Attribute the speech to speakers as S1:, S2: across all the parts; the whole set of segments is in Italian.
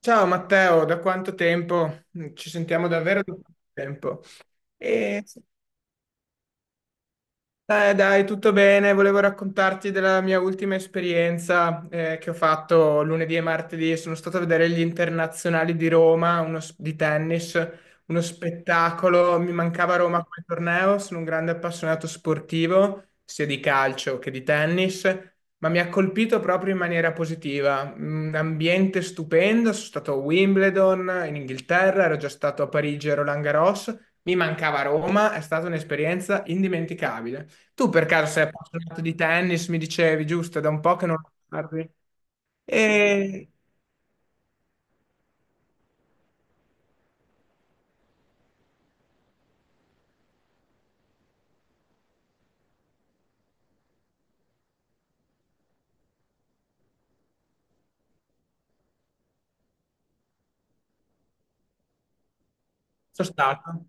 S1: Ciao Matteo, da quanto tempo? Ci sentiamo davvero da quanto tempo. E- dai, tutto bene. Volevo raccontarti della mia ultima esperienza che ho fatto lunedì e martedì. Sono stato a vedere gli internazionali di Roma, di tennis, uno spettacolo. Mi mancava Roma come torneo. Sono un grande appassionato sportivo, sia di calcio che di tennis, ma mi ha colpito proprio in maniera positiva. Un ambiente stupendo. Sono stato a Wimbledon in Inghilterra, ero già stato a Parigi a Roland Garros. Mi mancava Roma, è stata un'esperienza indimenticabile. Tu per caso sei appassionato di tennis, mi dicevi, giusto? Da un po' che non lo guardi. E sono stato.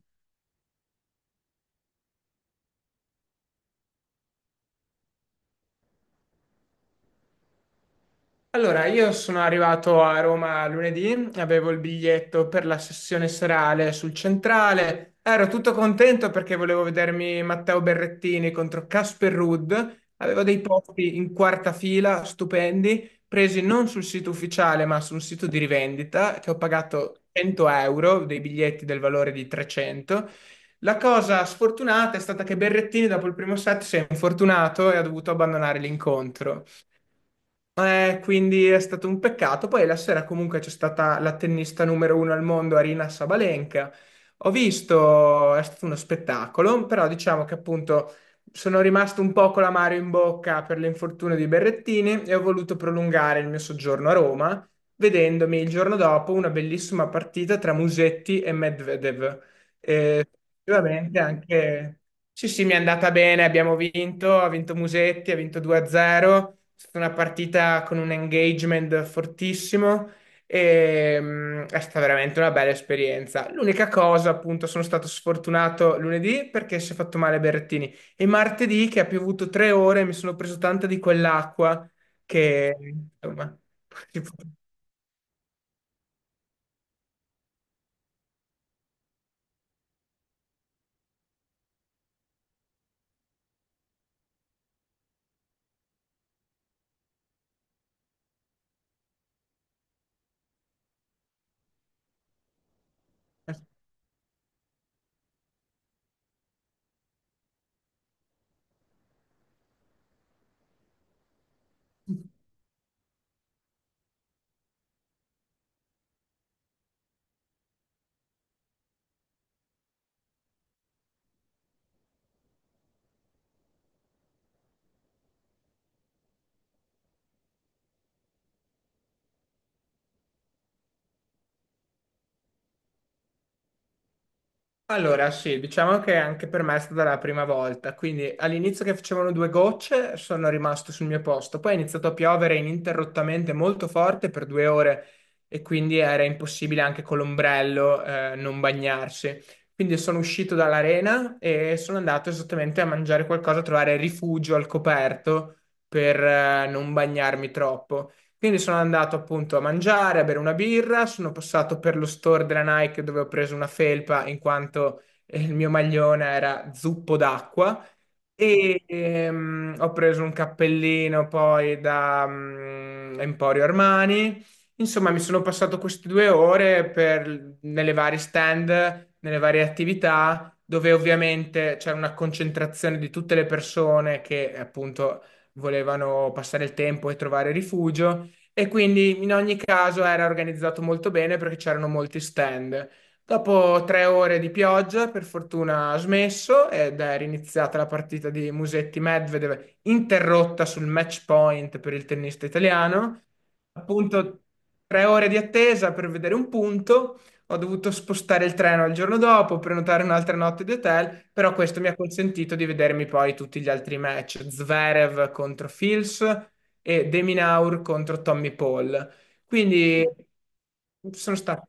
S1: Allora, io sono arrivato a Roma lunedì, avevo il biglietto per la sessione serale sul Centrale, ero tutto contento perché volevo vedermi Matteo Berrettini contro Casper Ruud, avevo dei posti in quarta fila, stupendi, presi non sul sito ufficiale ma su un sito di rivendita che ho pagato 100 euro, dei biglietti del valore di 300. La cosa sfortunata è stata che Berrettini dopo il primo set si è infortunato e ha dovuto abbandonare l'incontro. Quindi è stato un peccato. Poi la sera comunque c'è stata la tennista numero uno al mondo, Arina Sabalenka. Ho visto, è stato uno spettacolo, però diciamo che appunto sono rimasto un po' con l'amaro in bocca per l'infortunio di Berrettini e ho voluto prolungare il mio soggiorno a Roma, vedendomi il giorno dopo una bellissima partita tra Musetti e Medvedev. E effettivamente anche... Sì, sì, mi è andata bene, abbiamo vinto, ha vinto Musetti, ha vinto 2-0. È stata una partita con un engagement fortissimo e è stata veramente una bella esperienza. L'unica cosa, appunto, sono stato sfortunato lunedì perché si è fatto male Berrettini e martedì che ha piovuto tre ore mi sono preso tanta di quell'acqua che, insomma, Allora, sì, diciamo che anche per me è stata la prima volta, quindi all'inizio che facevano due gocce sono rimasto sul mio posto, poi è iniziato a piovere ininterrottamente molto forte per due ore e quindi era impossibile anche con l'ombrello non bagnarsi. Quindi sono uscito dall'arena e sono andato esattamente a mangiare qualcosa, a trovare rifugio al coperto per non bagnarmi troppo. Quindi sono andato appunto a mangiare, a bere una birra, sono passato per lo store della Nike dove ho preso una felpa in quanto il mio maglione era zuppo d'acqua e ho preso un cappellino poi da Emporio Armani. Insomma, mi sono passato queste due ore nelle varie stand, nelle varie attività, dove ovviamente c'era una concentrazione di tutte le persone che appunto volevano passare il tempo e trovare rifugio. E quindi in ogni caso era organizzato molto bene perché c'erano molti stand. Dopo tre ore di pioggia, per fortuna ha smesso ed è riniziata la partita di Musetti-Medvedev, interrotta sul match point per il tennista italiano. Appunto, tre ore di attesa per vedere un punto. Ho dovuto spostare il treno al giorno dopo, prenotare un'altra notte di hotel, però questo mi ha consentito di vedermi poi tutti gli altri match. Zverev contro Fils e Deminaur contro Tommy Paul. Quindi sono stato.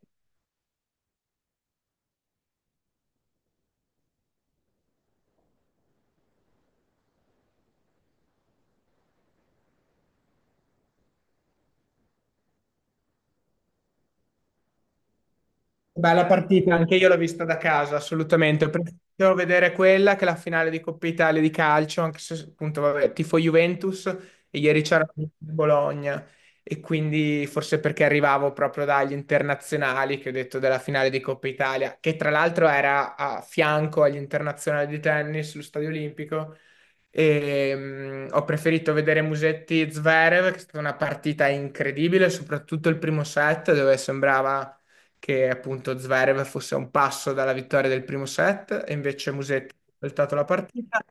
S1: Bella partita, anche io l'ho vista da casa, assolutamente. Ho preferito vedere quella che la finale di Coppa Italia di calcio, anche se appunto, vabbè, tifo Juventus e ieri c'era Bologna e quindi forse perché arrivavo proprio dagli internazionali che ho detto della finale di Coppa Italia, che tra l'altro era a fianco agli internazionali di tennis sullo Stadio Olimpico. E, ho preferito vedere Musetti Zverev, che è stata una partita incredibile, soprattutto il primo set dove sembrava che appunto Zverev fosse a un passo dalla vittoria del primo set e invece Musetti ha voltato la partita.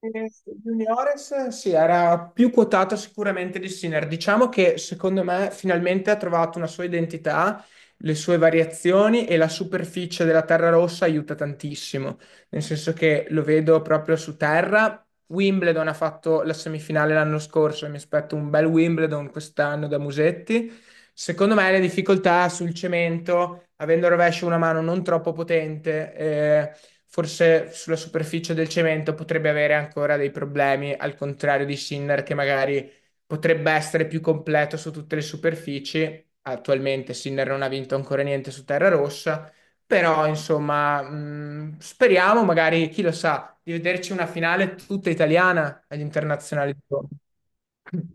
S1: E juniores sì, era più quotato sicuramente di Sinner. Diciamo che secondo me finalmente ha trovato una sua identità, le sue variazioni e la superficie della terra rossa aiuta tantissimo, nel senso che lo vedo proprio su terra, Wimbledon ha fatto la semifinale l'anno scorso, e mi aspetto un bel Wimbledon quest'anno da Musetti. Secondo me le difficoltà sul cemento, avendo il rovescio una mano non troppo potente, forse sulla superficie del cemento potrebbe avere ancora dei problemi, al contrario di Sinner che magari potrebbe essere più completo su tutte le superfici. Attualmente Sinner non ha vinto ancora niente su terra rossa però, insomma, speriamo magari, chi lo sa, di vederci una finale tutta italiana agli internazionali di Roma.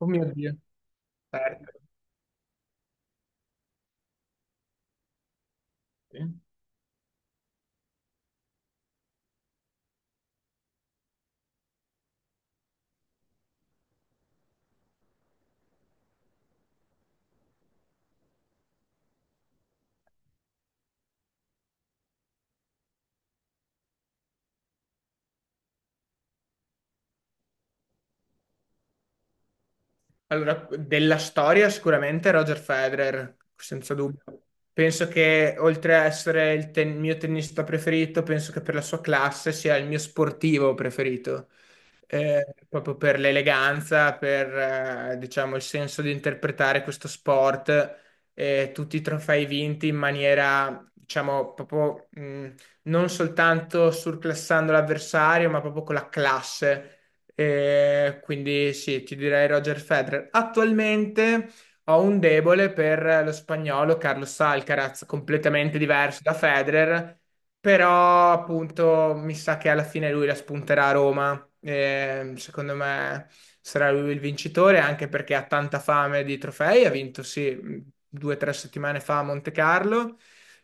S1: Oh mio Dio, certo. Sì. Allora, della storia sicuramente Roger Federer, senza dubbio. Penso che oltre a essere mio tennista preferito, penso che per la sua classe sia il mio sportivo preferito. Proprio per l'eleganza, per diciamo il senso di interpretare questo sport, tutti i trofei vinti in maniera, diciamo, proprio non soltanto surclassando l'avversario, ma proprio con la classe e quindi sì, ti direi Roger Federer. Attualmente ho un debole per lo spagnolo Carlos Alcaraz, completamente diverso da Federer, però appunto mi sa che alla fine lui la spunterà a Roma. E, secondo me sarà lui il vincitore, anche perché ha tanta fame di trofei. Ha vinto, sì, due o tre settimane fa a Monte Carlo.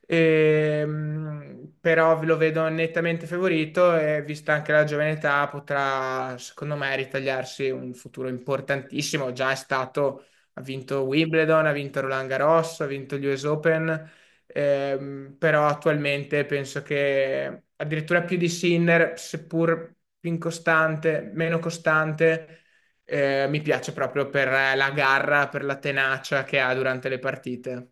S1: Però lo vedo nettamente favorito e vista anche la giovane età potrà, secondo me, ritagliarsi un futuro importantissimo. Già è stato, ha vinto Wimbledon, ha vinto Roland Garros, ha vinto gli US Open, però attualmente penso che addirittura più di Sinner, seppur più incostante, meno costante, mi piace proprio per la garra, per la tenacia che ha durante le partite.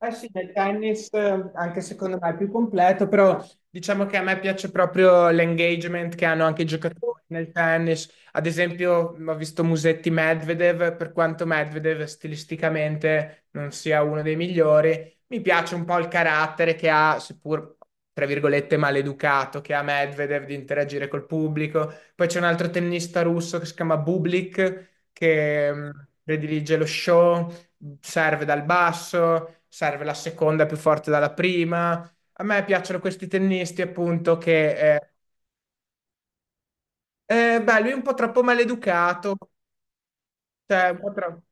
S1: Eh sì, nel tennis anche secondo me è più completo, però diciamo che a me piace proprio l'engagement che hanno anche i giocatori nel tennis. Ad esempio, ho visto Musetti Medvedev, per quanto Medvedev stilisticamente non sia uno dei migliori, mi piace un po' il carattere che ha, seppur tra virgolette maleducato, che ha Medvedev di interagire col pubblico. Poi c'è un altro tennista russo che si chiama Bublik, che predilige lo show, serve dal basso, serve la seconda più forte dalla prima. A me piacciono questi tennisti, appunto, che beh, lui è un po' troppo maleducato, cioè un po' troppo.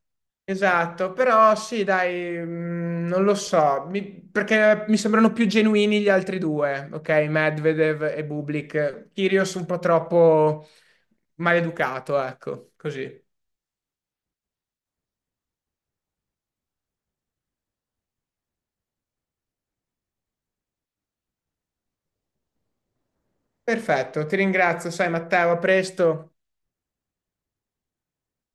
S1: Esatto, però sì, dai, non lo so, mi- perché mi sembrano più genuini gli altri due, ok? Medvedev e Bublik. Kyrgios un po' troppo maleducato, ecco, così. Perfetto, ti ringrazio, sai Matteo, a presto.